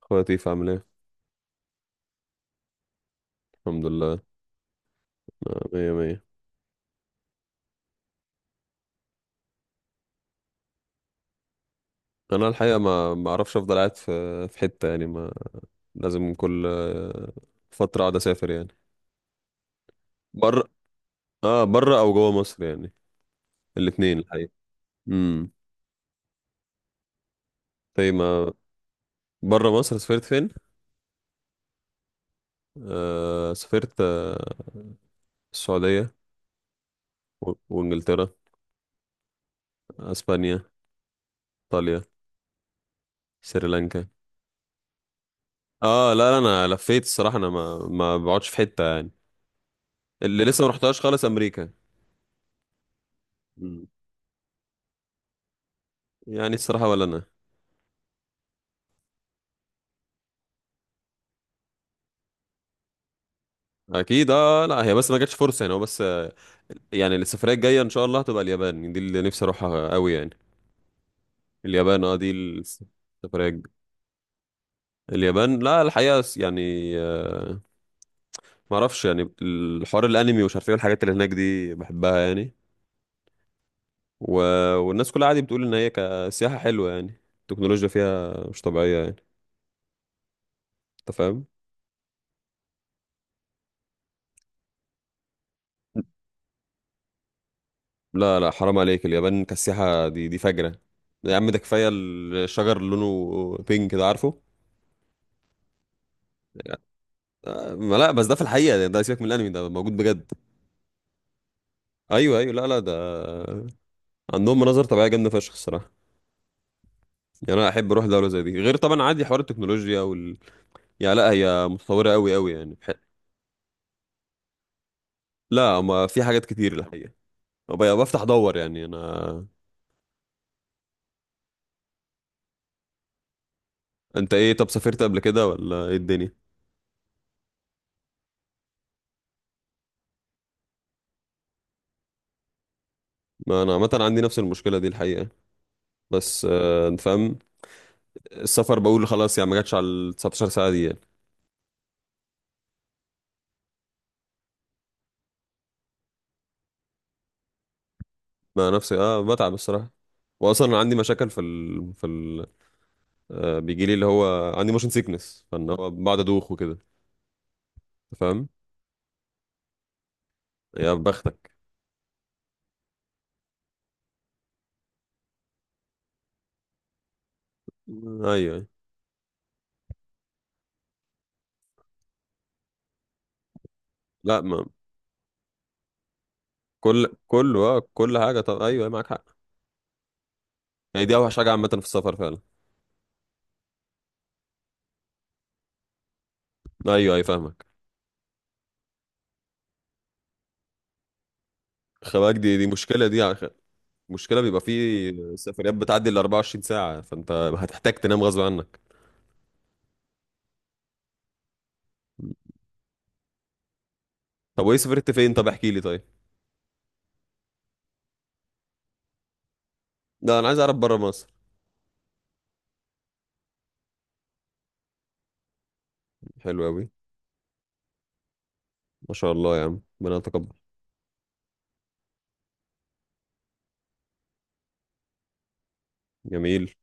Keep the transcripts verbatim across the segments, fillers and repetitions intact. خواتيف عامل ايه. الحمد لله. آه، مية مية. انا الحقيقه ما ما اعرفش، افضل قاعد في في حته يعني، ما لازم كل آه، فتره اقعد اسافر يعني بره. اه، بره او جوه مصر يعني، الاثنين الحقيقه. امم طيب ما بره مصر سافرت فين؟ آه سافرت آه السعوديه و- وانجلترا، اسبانيا، ايطاليا، سريلانكا. اه، لا لا انا لفيت الصراحه، انا ما ما بقعدش في حته يعني. اللي لسه ما رحتهاش خالص امريكا. مم. يعني الصراحه ولا انا. اكيد اه، لا هي بس ما جاتش فرصه يعني، هو بس آه، يعني السفريه الجايه ان شاء الله هتبقى اليابان، دي اللي نفسي اروحها قوي يعني. اليابان اه، دي الس- السفريه الج- اليابان، لا الحقيقه س- يعني آه، ما اعرفش، يعني الحوار الانمي ومش عارف ايه الحاجات اللي هناك دي بحبها يعني و... والناس كلها عادي بتقول ان هي كسياحه حلوه، يعني التكنولوجيا فيها مش طبيعيه يعني، انت فاهم. لا لا حرام عليك، اليابان كسياحه دي دي فجره يا عم. ده كفايه الشجر اللي لونه بينك ده، عارفه. آه، ما لا بس ده في الحقيقة ده ده سيبك من الانمي، ده موجود بجد. ايوه ايوه، لا لا ده عندهم مناظر طبيعية جامدة فشخ الصراحة. يعني انا احب اروح دولة زي دي، غير طبعا عادي حوار التكنولوجيا وال يعني، لا هي متطورة قوي قوي يعني بح... لا ما في حاجات كتير الحقيقة. أبقى بفتح دور يعني انا. انت ايه، طب سافرت قبل كده ولا ايه الدنيا؟ ما انا عامة عندي نفس المشكلة دي الحقيقة. بس آه، انت فاهم، السفر بقول خلاص، يعني ما جاتش على ال 19 ساعة دي يعني. ما نفسي اه، بتعب الصراحة، واصلا عندي مشاكل في ال... في آه، بيجي لي اللي هو عندي موشن سيكنس، فان هو بقعد ادوخ وكده. أنت فاهم. يا بختك. ايوه أيوة. لا ما كل كله اه كل حاجه. طب ايوه أيوة، معاك حق، يعني دي اوحش حاجه عامه في السفر فعلا. ايوه ايوه فاهمك. خباك، دي دي مشكله دي على خ- مشكله، بيبقى في سفريات بتعدي ال 24 ساعه، فانت هتحتاج تنام غصب عنك. طب وايه، سافرت فين؟ طب احكي لي. طيب لا، انا عايز اعرف بره مصر. حلو قوي. ما شاء الله يا عم، ربنا يتقبل. جميل.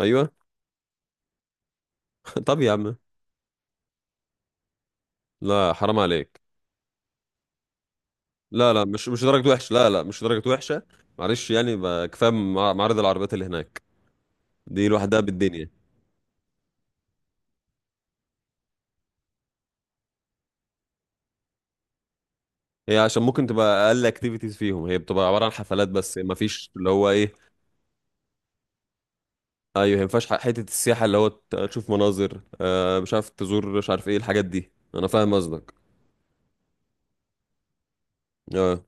ايوه. طب يا عم، لا حرام عليك. لا لا مش مش درجة وحشة، لا لا مش درجة وحشة. معلش يعني، ما- كفاية مع- معارض العربيات اللي هناك، دي لوحدها بالدنيا. هي عشان ممكن تبقى أقل اكتيفيتيز فيهم، هي بتبقى عبارة عن حفلات بس، ما فيش اللي هو إيه. أيوه، ما ينفعش، ح- حتة السياحة اللي هو ت- تشوف مناظر آه، مش عارف تزور مش عارف إيه الحاجات دي. أنا فاهم قصدك. آه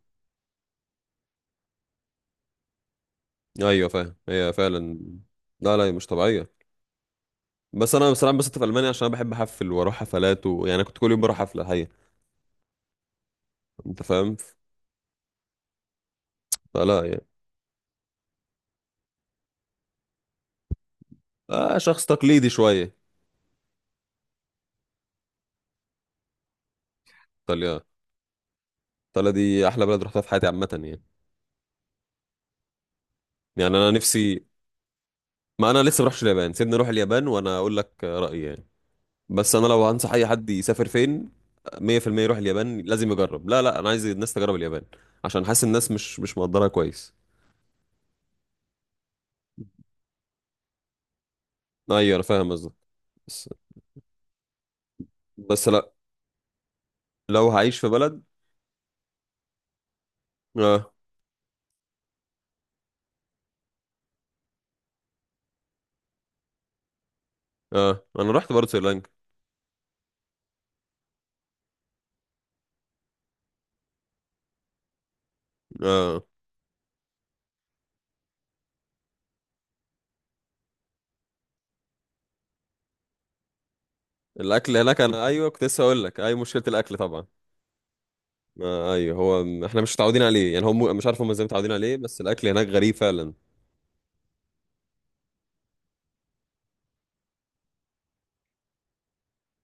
أيوه فاهم، هي فعلا. لا لا هي مش طبيعية. بس أنا بصراحة بس في ألمانيا، عشان أنا بحب أحفل وأروح حفلات، ويعني أنا كنت كل يوم بروح حفلة حقيقة. أنت فاهم. فلا يعني. آه شخص تقليدي شوية. إيطاليا، ايطاليا دي احلى بلد رحتها في حياتي عامه يعني. يعني انا نفسي. ما انا لسه بروحش اليابان، سيبني اروح اليابان وانا اقول لك رايي يعني. بس انا لو هنصح اي حد يسافر فين، ميه في الميه يروح اليابان، لازم يجرب. لا لا انا عايز الناس تجرب اليابان، عشان حاسس الناس مش مش مقدرها كويس. ايوه انا فاهم قصدك. بس بس لا، لو هعيش في بلد. اه اه. انا رحت برضه سريلانكا. اه الاكل هناك. انا ايوه كنت لسه اقول لك، اي مشكله الاكل طبعا. آه ايوه هو م- احنا مش متعودين عليه يعني، هم مش عارف هم ازاي متعودين عليه، بس الاكل هناك غريب فعلا.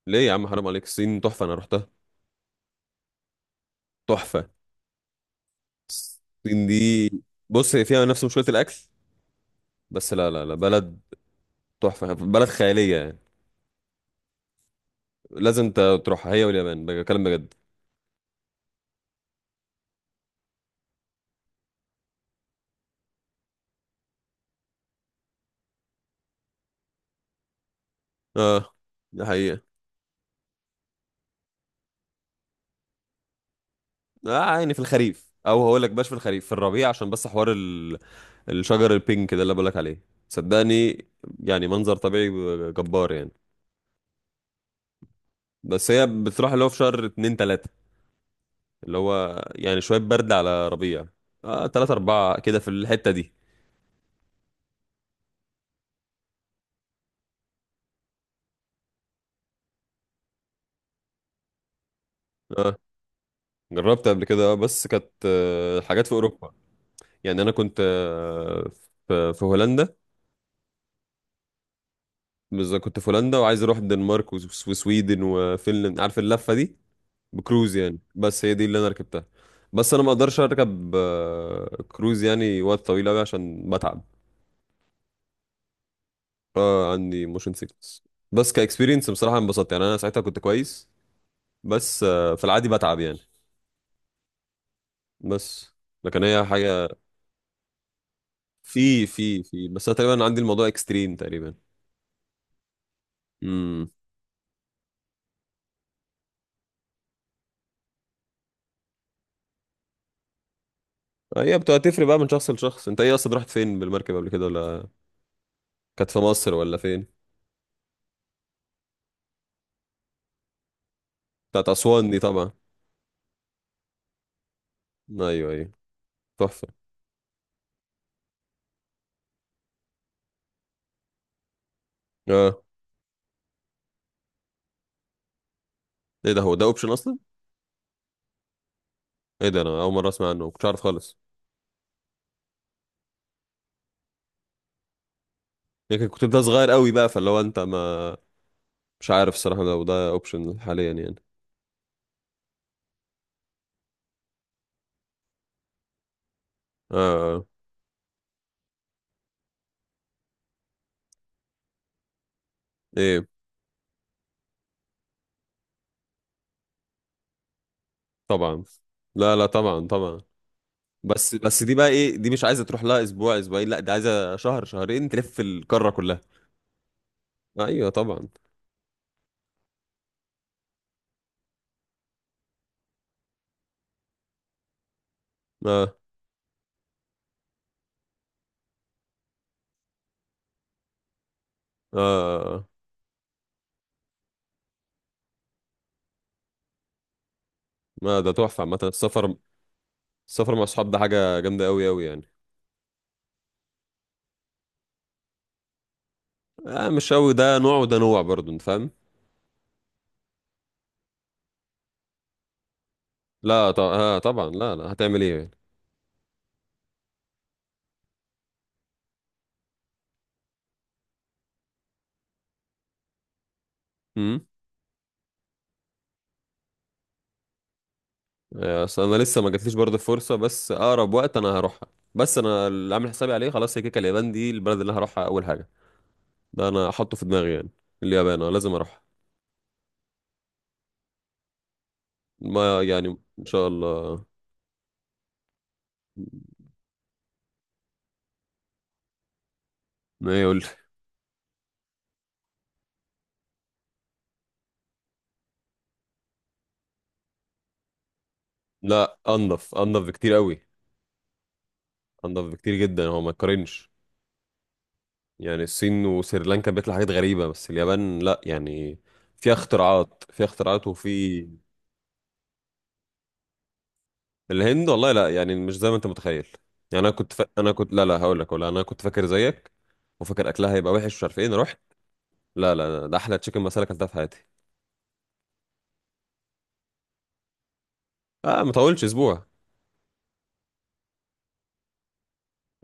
ليه يا عم، حرام عليك، الصين تحفة، أنا رحتها، تحفة. الصين دي، بص هي فيها نفس مشكلة الأكل، بس لا لا لا، بلد تحفة، بلد خيالية يعني. لازم أنت تروحها، هي واليابان، بكلم بجد. اه ده حقيقة. اه يعني في الخريف، أو هقول لك باش في الخريف في الربيع، عشان بس حوار ال... الشجر البينك ده اللي بقول لك عليه، صدقني. يعني منظر طبيعي جبار يعني. بس هي بتروح اللي هو في شهر اتنين تلاتة، اللي هو يعني شوية برد على ربيع. اه، تلاتة أربعة كده في الحتة دي. آه، جربت قبل كده آه، بس كانت آه، حاجات في اوروبا. يعني انا كنت آه، في في هولندا. بالظبط، كنت في هولندا وعايز اروح الدنمارك وس- وسويدن وفنلند، عارف اللفه دي، بكروز يعني. بس هي دي اللي انا ركبتها. بس انا ما اقدرش اركب آه، كروز يعني وقت طويل قوي عشان بتعب. آه، عندي موشن سيكنس. بس كاكسبيرينس بصراحه انبسطت، يعني انا ساعتها كنت كويس. بس آه، في العادي بتعب يعني. بس لكن هي حاجه. في في في بس انا تقريبا عندي الموضوع اكستريم تقريبا. امم. هي بتبقى تفرق بقى من شخص لشخص. انت ايه اصلا، رحت فين بالمركب قبل كده ولا؟ كانت في مصر ولا فين؟ بتاعت اسوان دي طبعا. ايوه ايوه، تحفه. اه ايه ده، هو ده اوبشن اصلا؟ ايه ده، انا اول مره اسمع عنه، ما كنتش عارف خالص. يمكن كنت ده صغير قوي بقى، فاللي هو انت ما، مش عارف الصراحه لو ده اوبشن حاليا يعني. اه اه. ايه، طبعا. لا لا طبعا طبعا. بس بس دي بقى ايه، دي مش عايزه تروح لها اسبوع اسبوعين، لا دي عايزه شهر شهرين تلف القاره كلها. ايوه طبعا. اه اه. آه. آه. ما ده تحفه عامه السفر. السفر مع الصحاب ده حاجة جامدة أوي أوي يعني. آه مش أوي، ده نوع وده نوع برضه، أنت فاهم؟ لا طب آه طبعا، لا لا هتعمل إيه يعني؟ أمم. آه، أصل أنا لسه ما جاتليش برضه الفرصة، بس أقرب وقت أنا هروحها. بس أنا اللي عامل حسابي عليه خلاص هي كيكة، اليابان دي البلد اللي هروحها أول حاجة. ده أنا أحطه في دماغي يعني. اليابان أنا لازم أروحها. ما يعني إن شاء الله. ما يقول. لا، أنضف أنضف بكتير أوي. أنضف بكتير جدا، هو ما يتقارنش. يعني الصين وسريلانكا بيطلع حاجات غريبة، بس اليابان لا يعني، فيها اختراعات، فيها اختراعات وفي. الهند والله لا، يعني مش زي ما انت متخيل. يعني انا كنت ف... انا كنت لا لا هقول لك، ولا انا كنت فاكر زيك، وفاكر اكلها هيبقى وحش مش عارف ايه، انا رحت، لا لا ده احلى تشيكن مسالة اكلتها في حياتي. اه ما طولش اسبوع.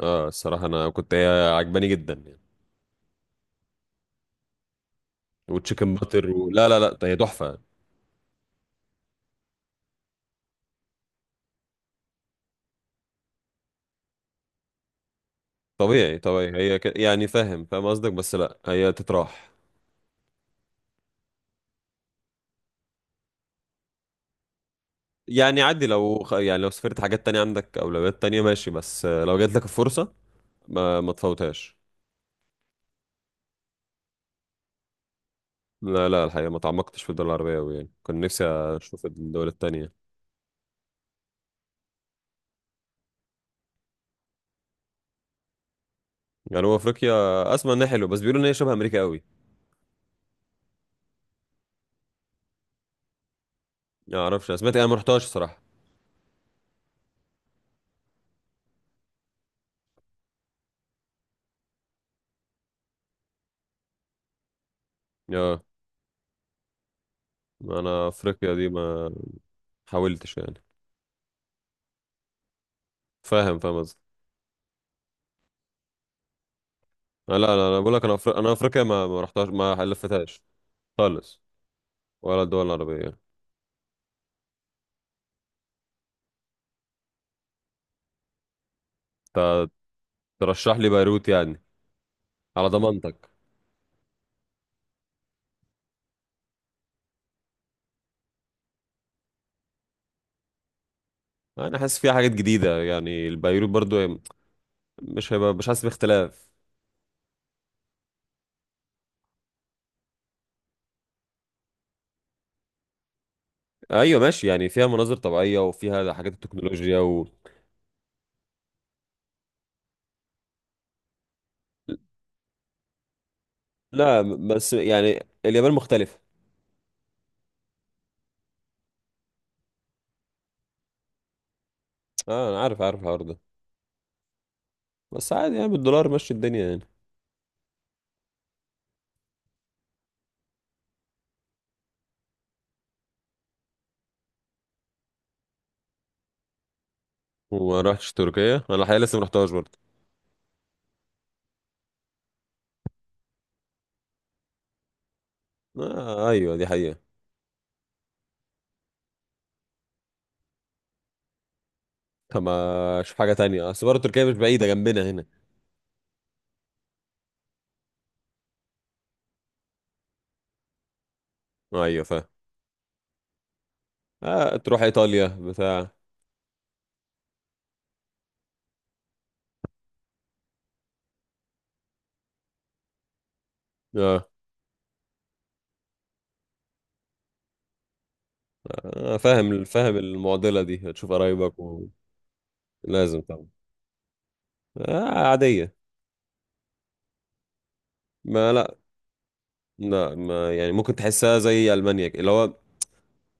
اه الصراحة انا كنت هي عجباني جدا يعني. وتشيكن باتر و... لا لا لا هي تحفة يعني. طبيعي طبيعي هي ك... يعني فاهم فاهم قصدك، بس لا هي تتراح يعني. عادي، لو خ- يعني لو سافرت حاجات تانية عندك أولويات تانية، ماشي، بس آه، لو جات لك الفرصة ما ما تفوتهاش. لا لا الحقيقة، ما تعمقتش في الدول العربية أوي، يعني كان نفسي أشوف الدول التانية. يعني هو أفريقيا، أسمع إنها حلوة، بس بيقولوا إن هي شبه أمريكا أوي. ما أعرفش، أنا سمعت، أنا ما رحتهاش الصراحة. آه. أنا أفريقيا دي ما حاولتش يعني. فاهم فاهم قصدي. آه، لا لا أنا بقول لك، أنا أفريقيا، أنا أفريقيا ما ما رحتهاش، ما لفتهاش خالص. ولا الدول العربية. ت- ترشح لي بيروت يعني. على ضمانتك. انا حاسس فيها حاجات جديده، يعني البيروت برضو يعني مش هيبقى، مش حاسس باختلاف. ايوه ماشي، يعني فيها مناظر طبيعيه وفيها حاجات التكنولوجيا و... لا بس يعني اليابان مختلفه. اه انا عارف عارف الحوار ده، بس عادي يعني، بالدولار ماشي الدنيا يعني. وما رحتش تركيا، انا الحقيقه لسه ما رحتهاش برضه. آه ايوه دي حقيقه. طب ما اشوف حاجه تانية، اصل برضه تركيا مش بعيده جنبنا هنا. ايوه فاهم. آه تروح ايطاليا بتاع. اه آه، فاهم فاهم، المعضله دي تشوف قرايبك و... لازم طبعا. آه عادية. ما لا، لا ما يعني، ممكن تحسها زي ألمانيا كده، اللي هو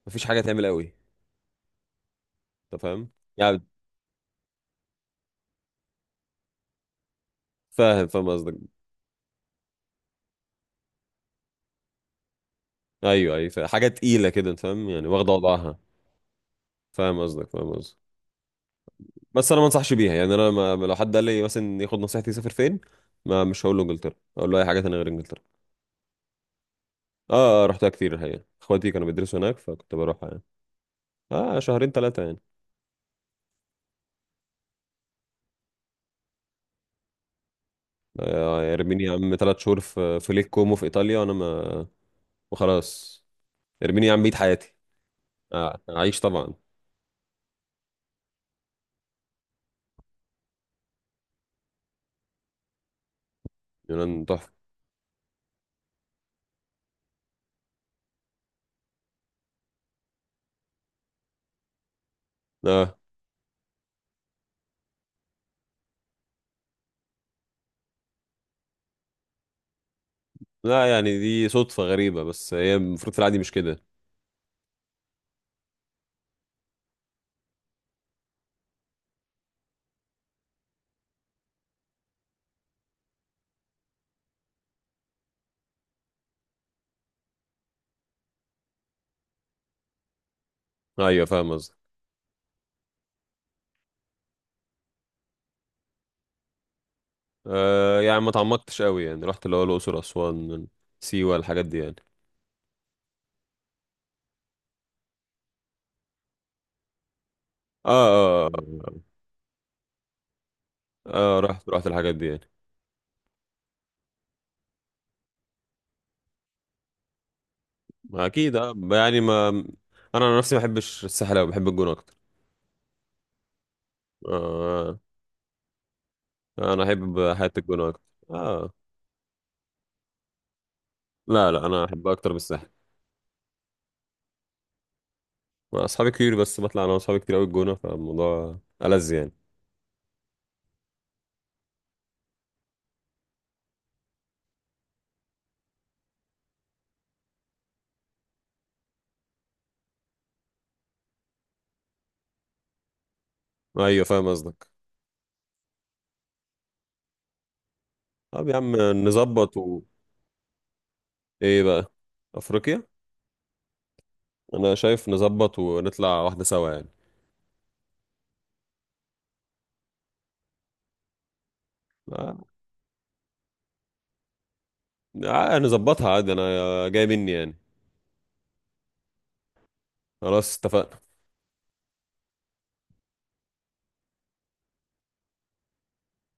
مفيش حاجة تعمل قوي، انت فاهم يعني. فاهم فاهم قصدك. ايوه ايوه فاهم. حاجة تقيلة كده، انت فاهم يعني، واخدة وضعها. فاهم قصدك فاهم قصدك. بس انا ما انصحش بيها يعني، انا ما ما- لو حد قال لي مثلا ياخد نصيحتي يسافر فين، ما مش هقول له انجلترا، اقول له اي حاجة تانية غير انجلترا. اه، آه رحتها كتير الحقيقة، اخواتي كانوا بيدرسوا هناك فكنت بروح يعني. اه شهرين ثلاثة يعني. آه، ارميني يا عم ثلاث شهور في في ليك كومو في ايطاليا وانا ما، وخلاص. ارميني يا عم، بيت حياتي. آه عايش طبعا. يونان تحفة. آه لا يعني دي صدفة غريبة، بس هي المفروض في العادي مش كده. أيوة فاهم قصدك. آه يعني ما تعمقتش قوي، يعني رحت اللي هو الأقصر أسوان سيوة، الحاجات دي يعني. آه. آه, آه آه، رحت رحت الحاجات دي يعني. أكيد آه يعني ما. أنا عن نفسي ما بحبش الساحل أوي، بحب الجونة أكتر. آه. آه، أنا أحب حياة الجونة أكتر. آه. لا لا أنا أحبها أكتر من الساحل. أصحابي كتير، بس بطلع أنا وأصحابي كتير أوي الجونة، فالموضوع ألذ يعني. أيوة فاهم قصدك. طب يا عم نظبط و. ايه بقى؟ افريقيا. انا شايف نظبط ونطلع واحده سوا يعني. آه، آه، نظبطها عادي، انا جاي مني يعني. خلاص اتفقنا.